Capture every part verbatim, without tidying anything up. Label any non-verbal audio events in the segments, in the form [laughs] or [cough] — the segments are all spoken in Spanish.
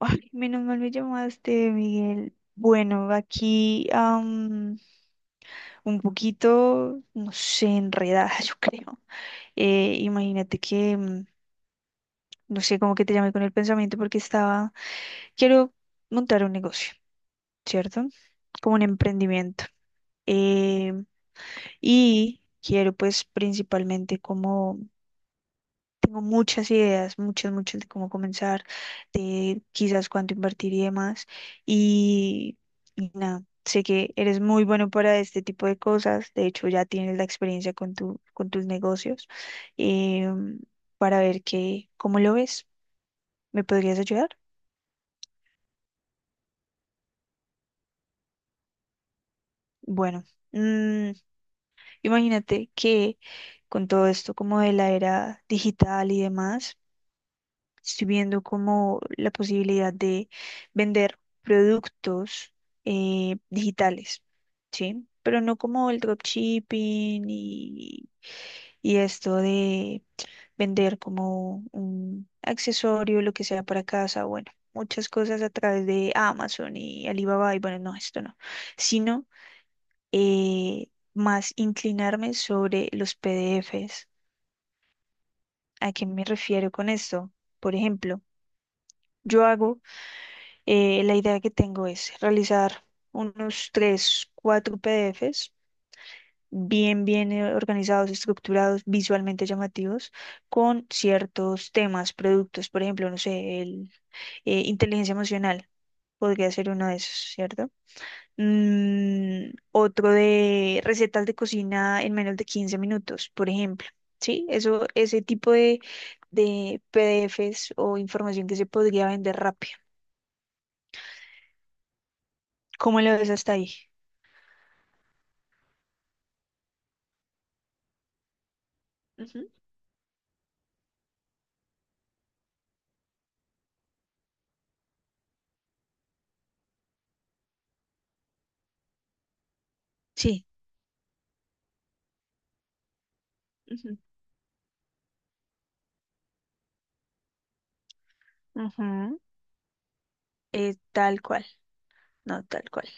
Ay, menos mal me llamaste, Miguel. Bueno, aquí am, un poquito, no sé, enredada, [laughs] yo creo. Eh, imagínate que, mm, no sé, como que te llamé con el pensamiento porque estaba, quiero montar un negocio, ¿cierto? Como un emprendimiento. Eh, y quiero pues principalmente como tengo muchas ideas, muchas, muchas de cómo comenzar, de quizás cuánto invertir y demás. Y, y nada, sé que eres muy bueno para este tipo de cosas. De hecho, ya tienes la experiencia con tu, con tus negocios, em, para ver que, cómo lo ves. ¿Me podrías ayudar? Bueno, mm, imagínate que con todo esto como de la era digital y demás, estoy viendo como la posibilidad de vender productos eh, digitales, ¿sí? Pero no como el dropshipping y, y esto de vender como un accesorio, lo que sea para casa, bueno, muchas cosas a través de Amazon y Alibaba y bueno, no, esto no, sino eh, más inclinarme sobre los P D Es. ¿A qué me refiero con esto? Por ejemplo, yo hago Eh, la idea que tengo es realizar unos tres, cuatro P D Es bien, bien eh, organizados, estructurados, visualmente llamativos, con ciertos temas, productos, por ejemplo, no sé, el, eh, inteligencia emocional podría ser uno de esos, ¿cierto? Mm, otro de recetas de cocina en menos de quince minutos, por ejemplo. Sí, eso, ese tipo de, de P D Es o información que se podría vender rápido. ¿Cómo lo ves hasta ahí? Ujú. Sí. Ujú, ujú, eh, tal cual, no, tal cual.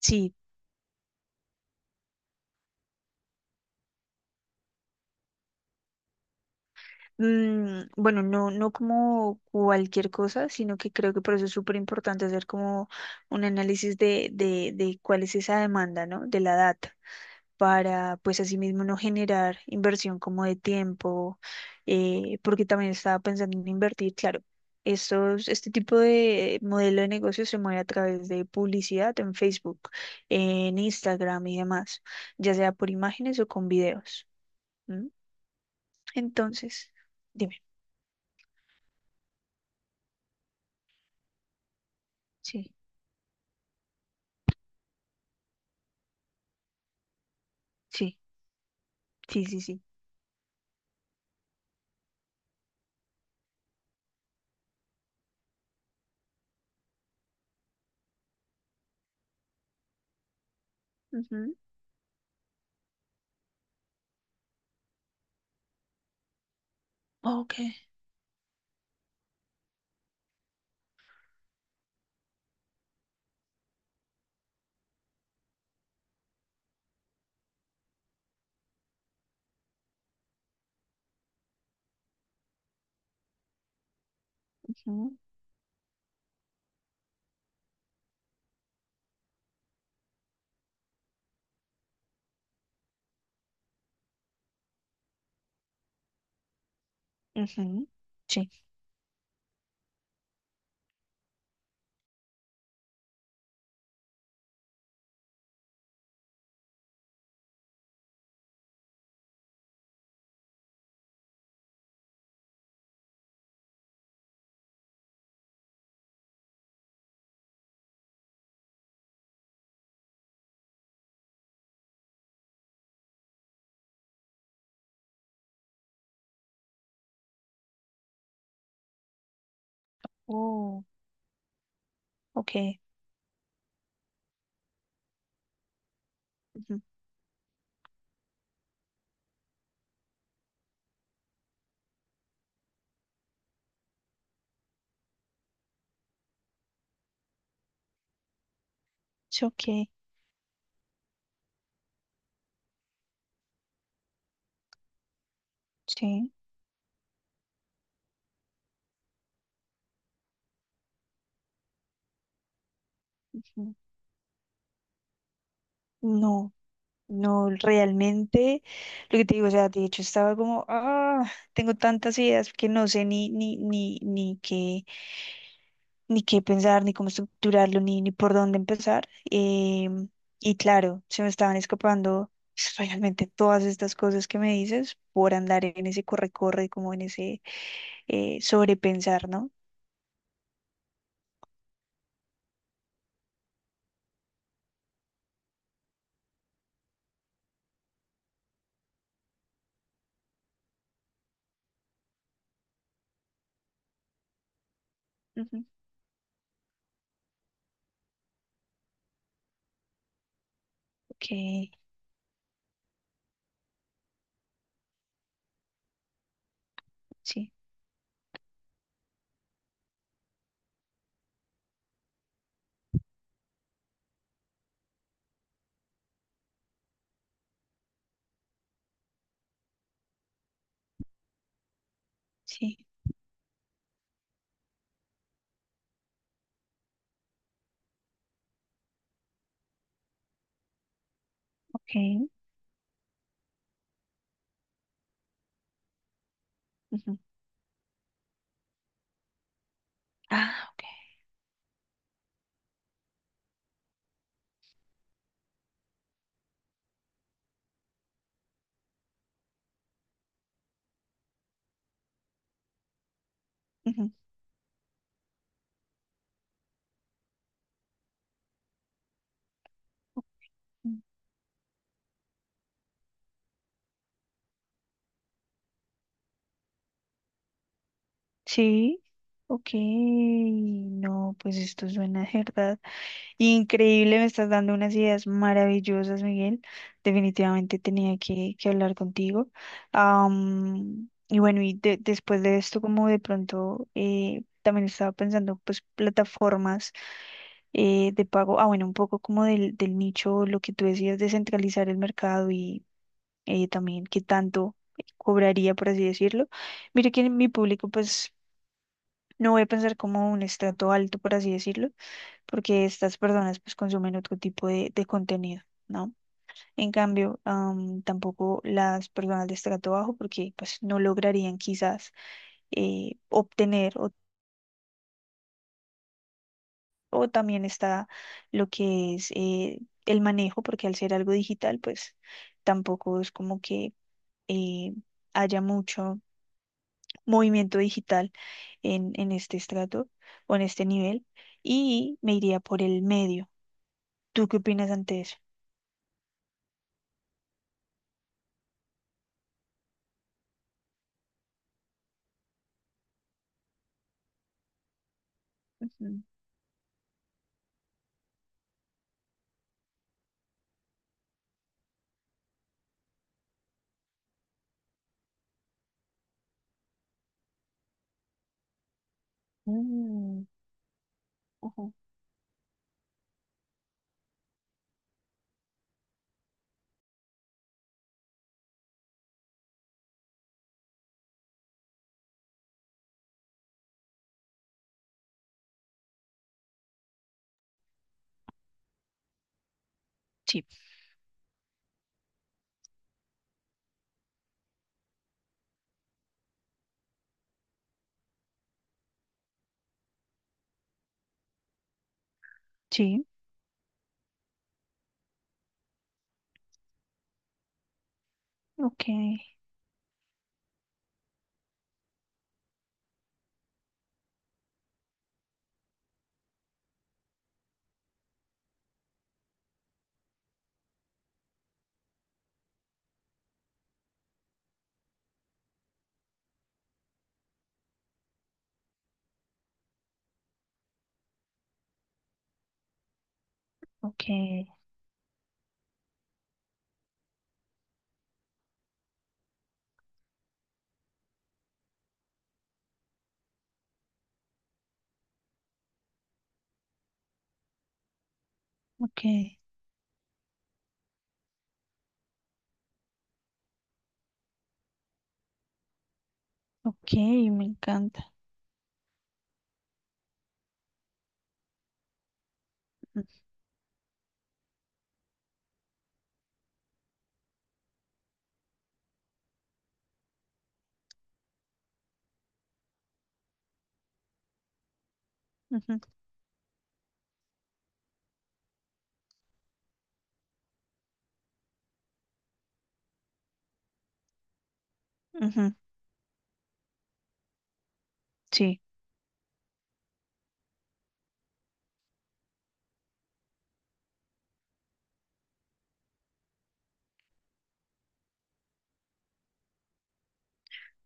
Sí, mm, bueno, no, no como cualquier cosa, sino que creo que por eso es súper importante hacer como un análisis de, de, de cuál es esa demanda, ¿no? De la data. Para pues asimismo no generar inversión como de tiempo, eh, porque también estaba pensando en invertir, claro, estos, este tipo de modelo de negocio se mueve a través de publicidad en Facebook, en Instagram y demás, ya sea por imágenes o con videos. ¿M? Entonces, dime, sí, sí, sí, sí, sí. Ujú, ok, ujú, ujú, sí. Oh, ok. Ujú, sí, ok, sí. Ujú. No. No, realmente, lo que te digo, o sea, de hecho estaba como, ah, tengo tantas ideas que no sé ni, ni, ni, ni qué, ni qué pensar, ni cómo estructurarlo, ni, ni por dónde empezar. Em, y claro, se me estaban escapando [laughs] pues, realmente todas estas cosas que me dices por andar en ese corre-corre, como en ese eh, sobrepensar, ¿no? Ujú, ok, sí, sí, ok. Ujú. Ah, ok. Ujú, ok. Sí, ok, no, pues esto suena de verdad increíble, me estás dando unas ideas maravillosas, Miguel. Definitivamente tenía que, que hablar contigo. Am, y bueno, y de- después de esto, como de pronto eh, también estaba pensando, pues plataformas eh, de pago, ah, bueno, un poco como del, del nicho, lo que tú decías, descentralizar el mercado y eh, también qué tanto cobraría, por así decirlo. Mire que mi público, pues no voy a pensar como un estrato alto, por así decirlo, porque estas personas pues consumen otro tipo de, de contenido, ¿no? En cambio, am, tampoco las personas de estrato bajo, porque pues no lograrían quizás eh, obtener, o, o también está lo que es eh, el manejo, porque al ser algo digital, pues tampoco es como que eh, haya mucho movimiento digital en, en este estrato o en este nivel, y me iría por el medio. ¿Tú qué opinas ante eso? Ujú. Mm, ujú. Sí. Sí, ok, ok, ok, ok, me encanta. Mm, ujú, ujú, sí,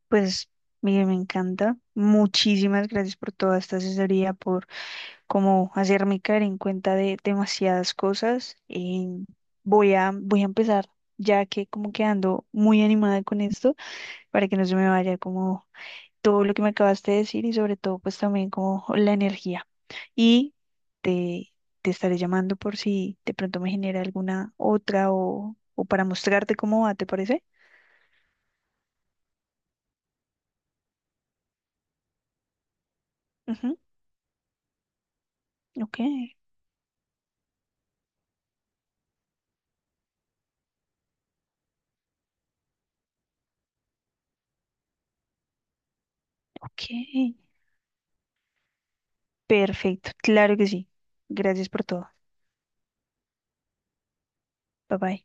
pues mire, me encanta. Muchísimas gracias por toda esta asesoría, por cómo hacerme caer en cuenta de demasiadas cosas. Eh, voy a, voy a empezar, ya que como que ando muy animada con esto, para que no se me vaya como todo lo que me acabaste de decir y sobre todo pues también como la energía. Y te, te estaré llamando por si de pronto me genera alguna otra o, o para mostrarte cómo va, ¿te parece? Ujú, ok, ok. Perfecto, claro que sí. Gracias por todo. Bye bye.